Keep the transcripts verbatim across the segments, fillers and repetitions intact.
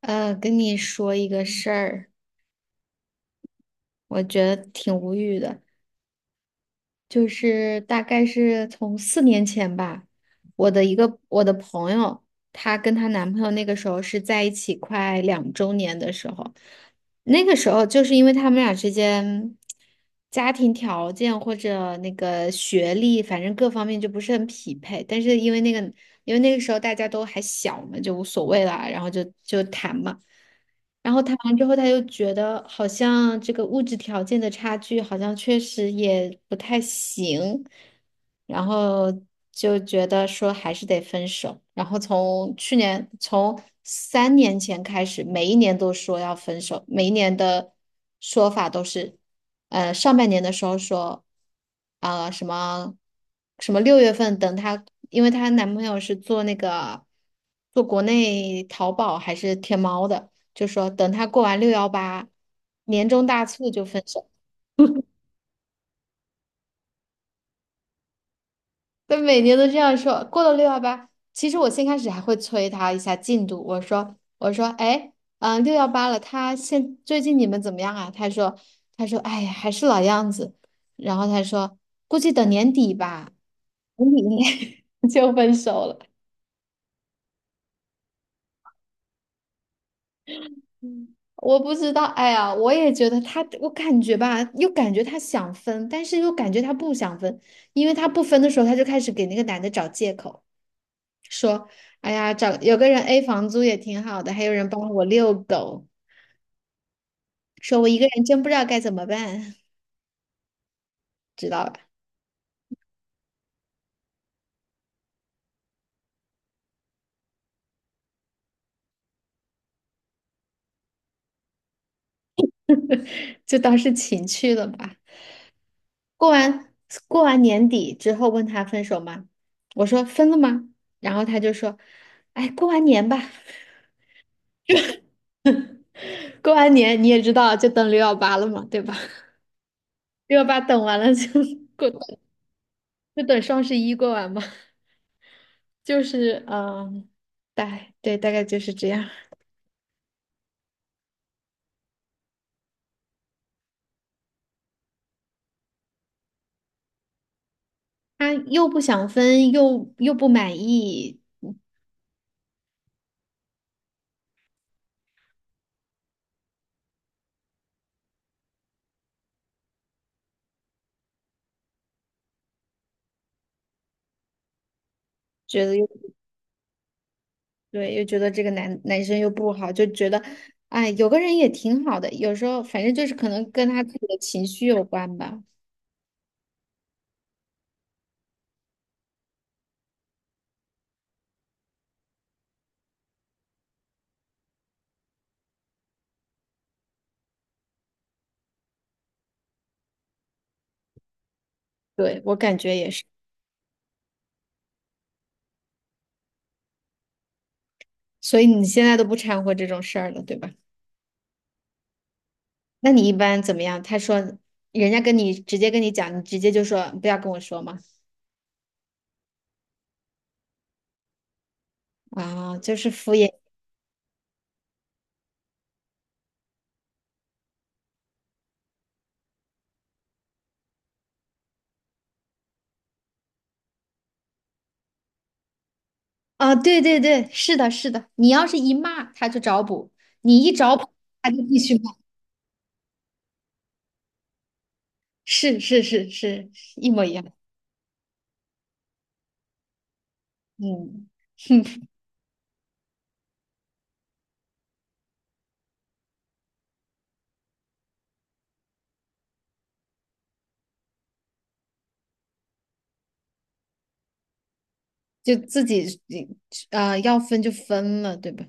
呃，跟你说一个事儿，我觉得挺无语的，就是大概是从四年前吧，我的一个我的朋友，她跟她男朋友那个时候是在一起快两周年的时候，那个时候就是因为他们俩之间家庭条件或者那个学历，反正各方面就不是很匹配。但是因为那个，因为那个时候大家都还小嘛，就无所谓了，然后就就谈嘛。然后谈完之后，他又觉得好像这个物质条件的差距好像确实也不太行，然后就觉得说还是得分手。然后从去年，从三年前开始，每一年都说要分手，每一年的说法都是，呃，上半年的时候说，啊、什么什么六月份等她，因为她男朋友是做那个做国内淘宝还是天猫的，就说等她过完六幺八年终大促就分手。他每年都这样说，过了六幺八，其实我先开始还会催他一下进度，我说我说哎，嗯，六幺八了，他现最近你们怎么样啊？他说他说哎呀，还是老样子，然后他说估计等年底吧，年底 就分手了。我不知道，哎呀，我也觉得他，我感觉吧，又感觉他想分，但是又感觉他不想分，因为他不分的时候，他就开始给那个男的找借口。说，哎呀，找有个人 A 房租也挺好的，还有人帮我遛狗，说我一个人真不知道该怎么办，知道吧？就当是情趣了吧。过完过完年底之后问他分手吗？我说分了吗？然后他就说，哎，过完年吧，过完年你也知道，就等六幺八了嘛，对吧？六幺八等完了就 过，就等双十一过完嘛，就是嗯，大对，大概就是这样。他又不想分，又又不满意，嗯觉得又对，又觉得这个男男生又不好，就觉得，哎，有个人也挺好的。有时候反正就是可能跟他自己的情绪有关吧。对，我感觉也是。所以你现在都不掺和这种事儿了，对吧？那你一般怎么样？他说人家跟你直接跟你讲，你直接就说不要跟我说嘛。啊，就是敷衍。啊，对对对，是的，是的。你要是一骂，他就找补；你一找补，他就必须。是是是是，一模一样。嗯，哼，就自己啊、呃要分就分了，对吧？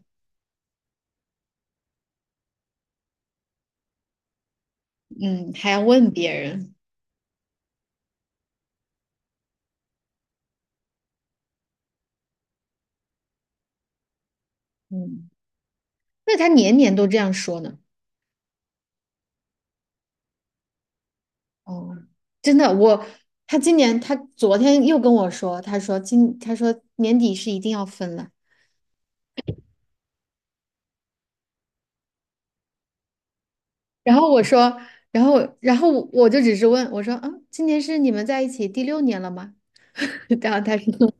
嗯，还要问别人。嗯，那他年年都这样说呢。哦，真的，我他今年他昨天又跟我说，他说今他说年底是一定要分了。然后我说，然后然后我就只是问我说啊，今年是你们在一起第六年了吗？然后他说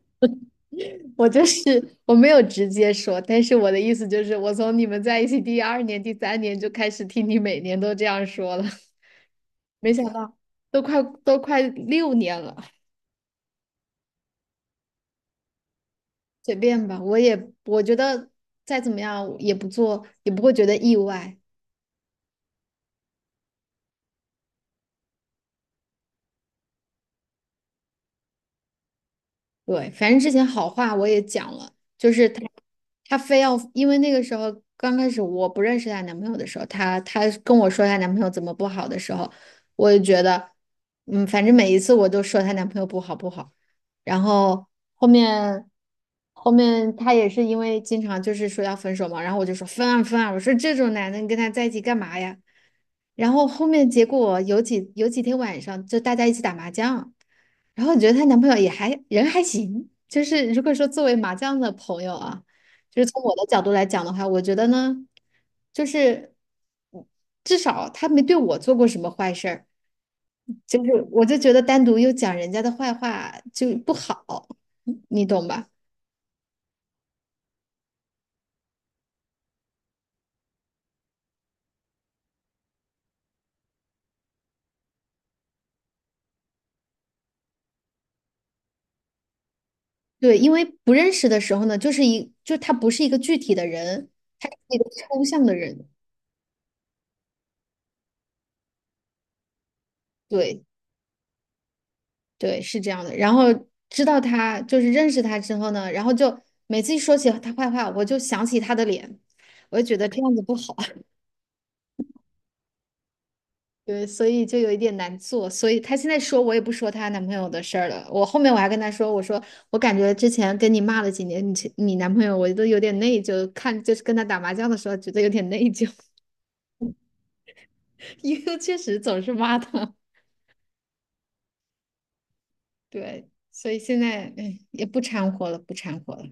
我就是我没有直接说，但是我的意思就是，我从你们在一起第二年、第三年就开始听你每年都这样说了，没想到都快都快六年了，随便吧，我也我觉得再怎么样也不做，也不会觉得意外。对，反正之前好话我也讲了，就是她，她非要，因为那个时候刚开始我不认识她男朋友的时候，她她跟我说她男朋友怎么不好的时候，我就觉得，嗯，反正每一次我都说她男朋友不好不好，然后后面后面她也是因为经常就是说要分手嘛，然后我就说分啊分啊，我说这种男的你跟他在一起干嘛呀？然后后面结果有几有几天晚上就大家一起打麻将。然后我觉得她男朋友也还人还行，就是如果说作为麻将的朋友啊，就是从我的角度来讲的话，我觉得呢，就是嗯至少他没对我做过什么坏事儿，就是我就觉得单独又讲人家的坏话就不好，嗯你懂吧？对，因为不认识的时候呢，就是一就他不是一个具体的人，他是一个抽象的人，对。对，是这样的。然后知道他就是认识他之后呢，然后就每次一说起他坏话，我就想起他的脸，我就觉得这样子不好，对，所以就有一点难做。所以她现在说我也不说她男朋友的事儿了。我后面我还跟她说，我说我感觉之前跟你骂了几年，你前你男朋友我都有点内疚，看就是跟他打麻将的时候觉得有点内疚，因为确实总是骂他。对，所以现在哎也不掺和了，不掺和了。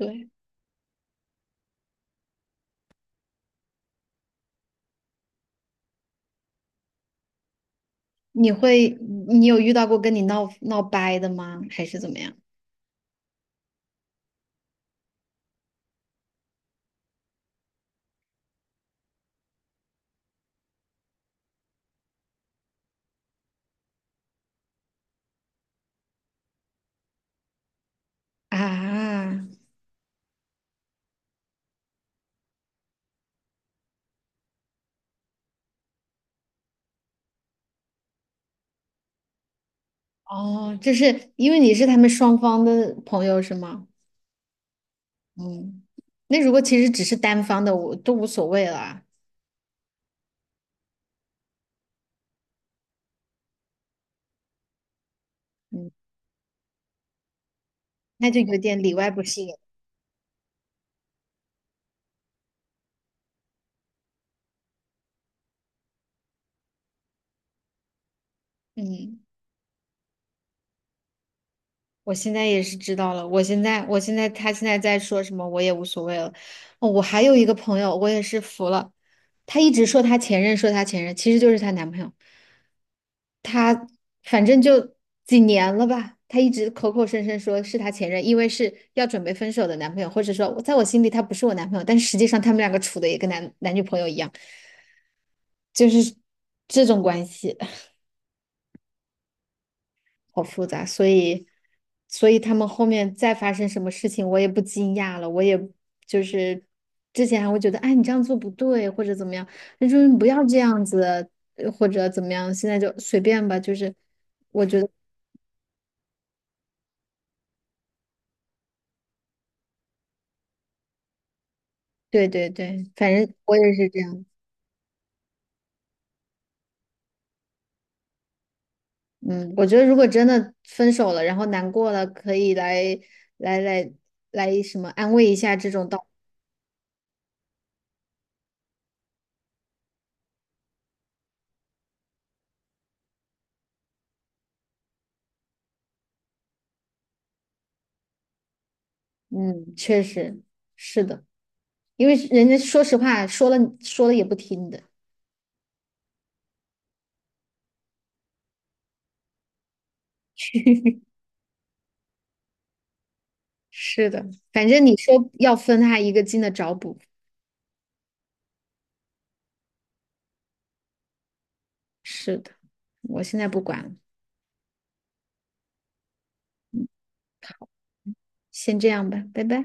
对。你会，你有遇到过跟你闹闹掰的吗？还是怎么样？啊，哦，就是因为你是他们双方的朋友是吗？嗯，那如果其实只是单方的，我都无所谓了啊。嗯，那就有点里外不是人。嗯，我现在也是知道了。我现在，我现在，他现在在说什么，我也无所谓了。哦，我还有一个朋友，我也是服了，她一直说她前任，说她前任，其实就是她男朋友。反正就几年了吧，他一直口口声声说是他前任，因为是要准备分手的男朋友，或者说我在我心里他不是我男朋友，但实际上他们两个处的也跟男男女朋友一样，就是这种关系，好复杂，所以所以他们后面再发生什么事情，我也不惊讶了，我也就是之前还会觉得，哎，你这样做不对，或者怎么样，那就是不要这样子，呃或者怎么样，现在就随便吧，就是觉得对对对，反正我也是这样。嗯，我觉得如果真的分手了，然后难过了，可以来来来来什么安慰一下这种道。嗯，确实是的，因为人家说实话说了说了也不听的。是的，反正你说要分，他一个劲的找补。是的，我现在不管了，先这样吧，拜拜。